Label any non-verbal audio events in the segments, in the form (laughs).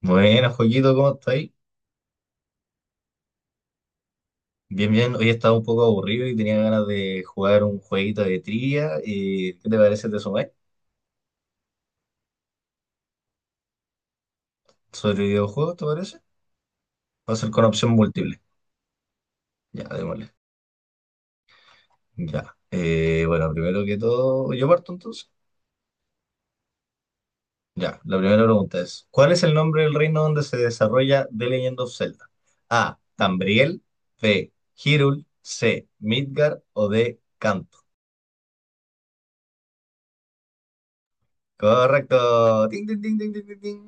Buenas, Joaquito, ¿cómo estáis? Bien, bien. Hoy estaba un poco aburrido y tenía ganas de jugar un jueguito de trivia. ¿Qué te parece? ¿Te sumáis? ¿Sobre videojuegos, te parece? Va a ser con opción múltiple. Ya, démosle. Ya. Bueno, primero que todo, ¿yo parto entonces? Ya, la primera pregunta es, ¿cuál es el nombre del reino donde se desarrolla The Legend of Zelda? A. Tambriel. B. Hyrule. C. Midgar. O D. Canto. Correcto. Ding, ding, ding, ding, ding, ding, ding.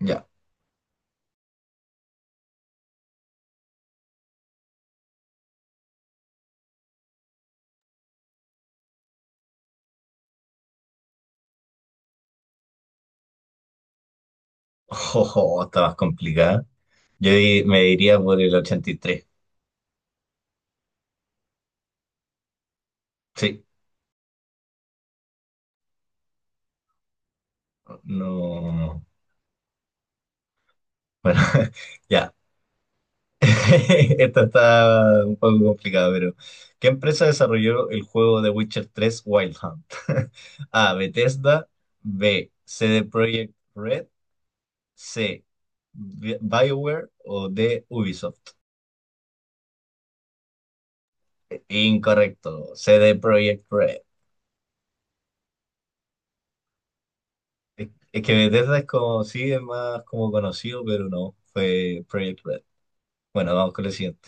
Ya. Jojo, (laughs) está más complicada. Me diría por el 83. Sí, no. Bueno, (laughs) ya. (laughs) Esta está un poco complicada, pero ¿qué empresa desarrolló el juego de Witcher 3, Wild Hunt? (laughs) A. Bethesda. B. C. CD Projekt Red. C. BioWare o D. Ubisoft. Incorrecto. C. CD Projekt Red. Es que Bethesda es como, sí, es más como conocido, pero no. Fue Projekt Red. Bueno, vamos con lo siguiente.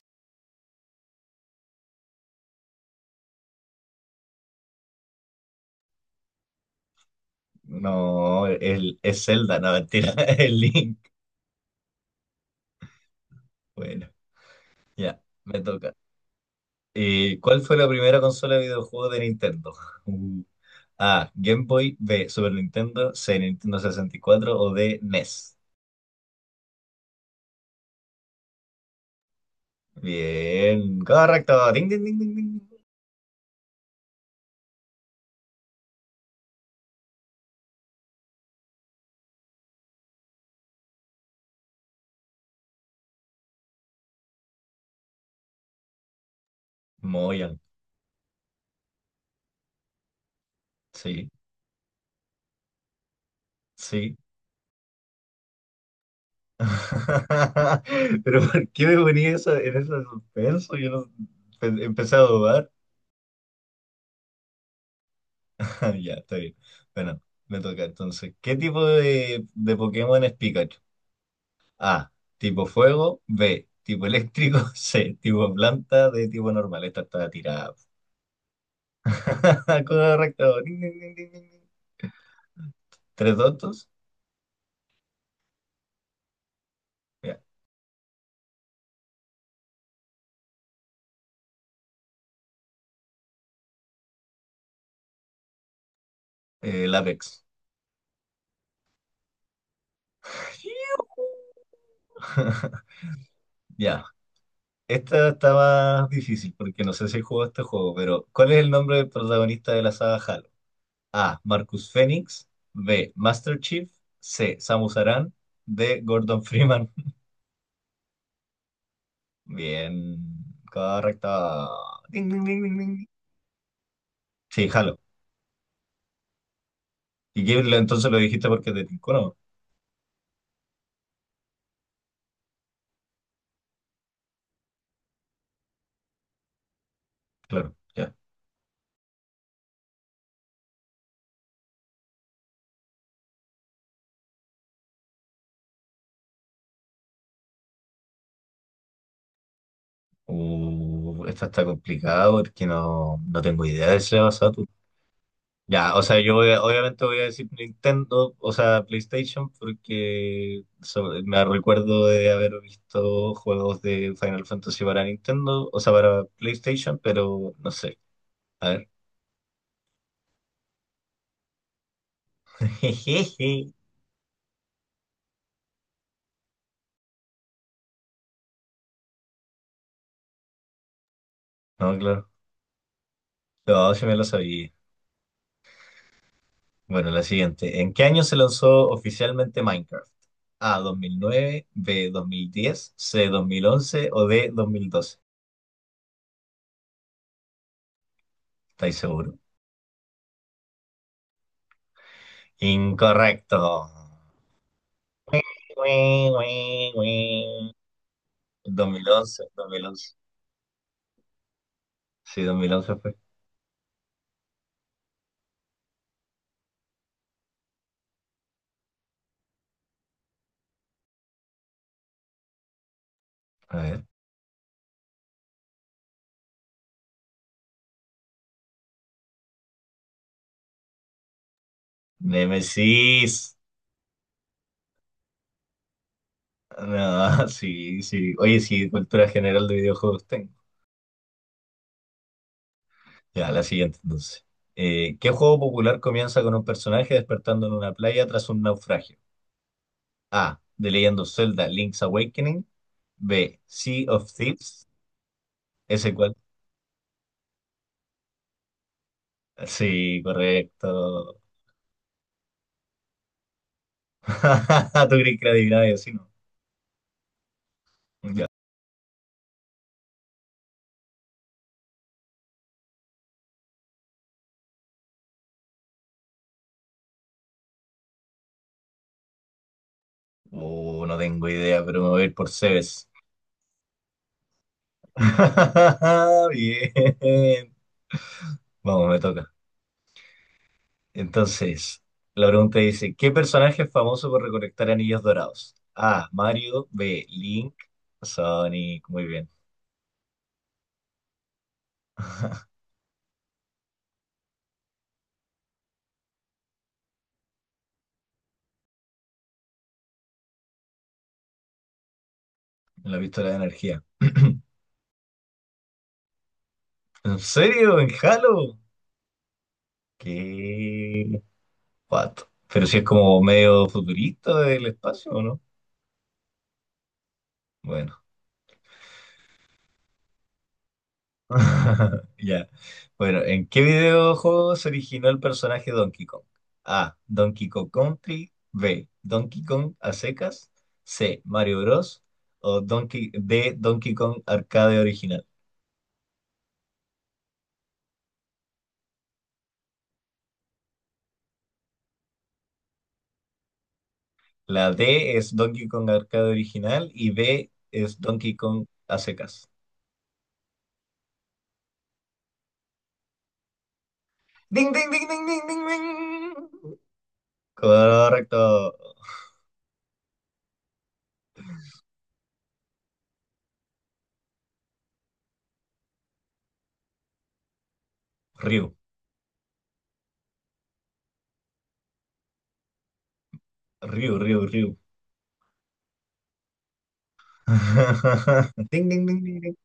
No, el, es Zelda, no, mentira, (laughs) es Link. Bueno, ya, me toca. ¿Cuál fue la primera consola de videojuegos de Nintendo? Uh, A, Game Boy, B, Super Nintendo, C, Nintendo 64 o D, NES. Bien, correcto. Ding, ding, ding, ding, ding. Muy bien. Sí, sí. (laughs) Pero ¿por qué me ponía eso en ese suspenso? Yo no, empecé a dudar. (laughs) Ah, ya, está bien. Bueno, me toca entonces. ¿Qué tipo de Pokémon es Pikachu? A, tipo fuego, B, tipo eléctrico, (laughs) C, tipo planta, D, tipo normal. Esta está tirada. (laughs) Correcto. Ding, ding, ding, ding, ding, ding. ¿Tres dotos? Ya. Lápiz. (laughs) Ya. Esta está más difícil porque no sé si jugó este juego, pero ¿cuál es el nombre del protagonista de la saga Halo? A. Marcus Fenix. B. Master Chief. C. Samus Aran. D. Gordon Freeman. Bien, correcto. Ding, ding, ding, ding, ding. Sí, jalo. ¿Y qué, entonces lo dijiste porque te tincó, no? Claro, ya. Esta está complicada porque no, no tengo idea de ese tú. Ya, o sea, obviamente voy a decir Nintendo, o sea, PlayStation, porque me recuerdo de haber visto juegos de Final Fantasy para Nintendo, o sea, para PlayStation, pero no sé. A ver. (laughs) Jejeje. No, claro. No, sí me lo sabía. Bueno, la siguiente. ¿En qué año se lanzó oficialmente Minecraft? A, 2009, B, 2010, C, 2011 o D, 2012. ¿Estáis seguro? Incorrecto. Dos mil once, dos mil once. Sí, 2011 fue. A ver. Nemesis. No, (laughs) sí, sí. Oye, sí, cultura general de videojuegos tengo. Ya, la siguiente entonces. ¿Qué juego popular comienza con un personaje despertando en una playa tras un naufragio? A. The Legend of Zelda Link's Awakening. B. Sea of Thieves. ¿Ese cuál? Sí, correcto. (laughs) ¿Tú crees que era adivinaba y así, no? Ya. No tengo idea, pero me voy a ir por Cebes. (laughs) Bien. Vamos, me toca. Entonces, la pregunta dice, ¿qué personaje es famoso por recolectar anillos dorados? A. Mario. B. Link. Sonic. Muy bien. (laughs) La pistola de energía. (clears throat) ¿En serio? ¿En Halo? Qué pato. Pero si es como medio futurista del espacio, ¿o no? Bueno. (laughs) Ya. Bueno, ¿en qué videojuego se originó el personaje Donkey Kong? A. Donkey Kong Country. B. Donkey Kong a secas. C. Mario Bros. O Donkey, D. Donkey Kong Arcade original. La D es Donkey Kong Arcade original y B es Donkey Kong a secas. ¡Ding, ding, ding, ding, ding, ding, ding! Correcto. Ryu. Ryu, Ryu, Ryu. (laughs) Ding, ding, ding, ding, ding.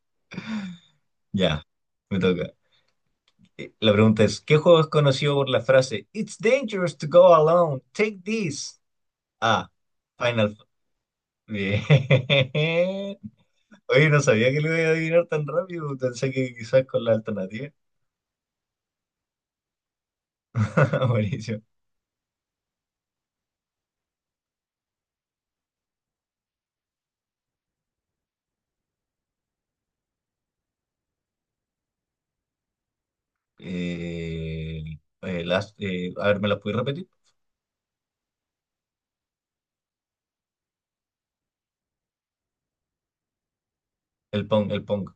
Ya, me toca. La pregunta es, ¿qué juego es conocido por la frase It's dangerous to go alone, take this? A. Final... Bien. (laughs) Oye, no sabía que lo iba a adivinar tan rápido. Pensé que quizás con la alternativa. (laughs) Buenísimo. A ver, ¿me las puedes repetir? El Pong, el Pong.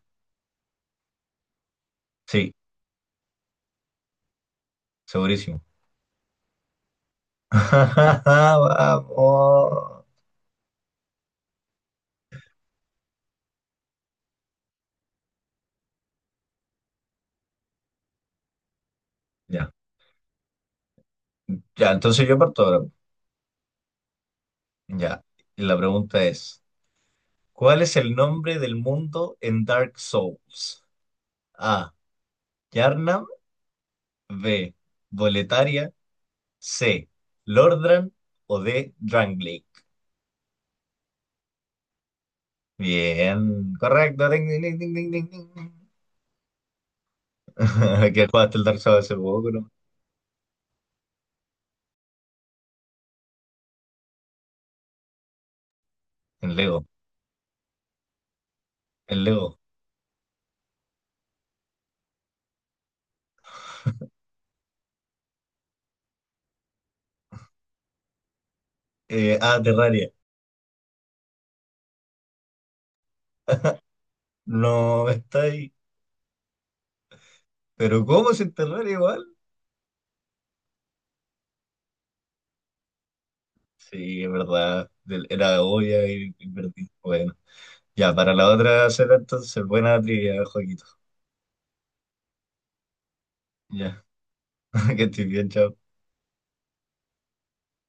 Sí, segurísimo. (laughs) Vamos. Ya. Ya, entonces yo parto ahora. Ya, y la pregunta es, ¿cuál es el nombre del mundo en Dark Souls? A. Yharnam, B. Boletaria, C. Lordran o D. Drangleic. Bien, correcto. Ding, ding, ding, ding, ding, ding, ding. (laughs) Que jugaste el Dark Souls hace poco, ¿no? En Lego, en Lego. Terraria. No, está ahí. ¿Pero cómo es en Terraria igual? Sí, es verdad. Era obvia y perdí. Bueno. Ya, para la otra será entonces buena trivia, Joaquito. Ya, (laughs) que estoy bien, chao.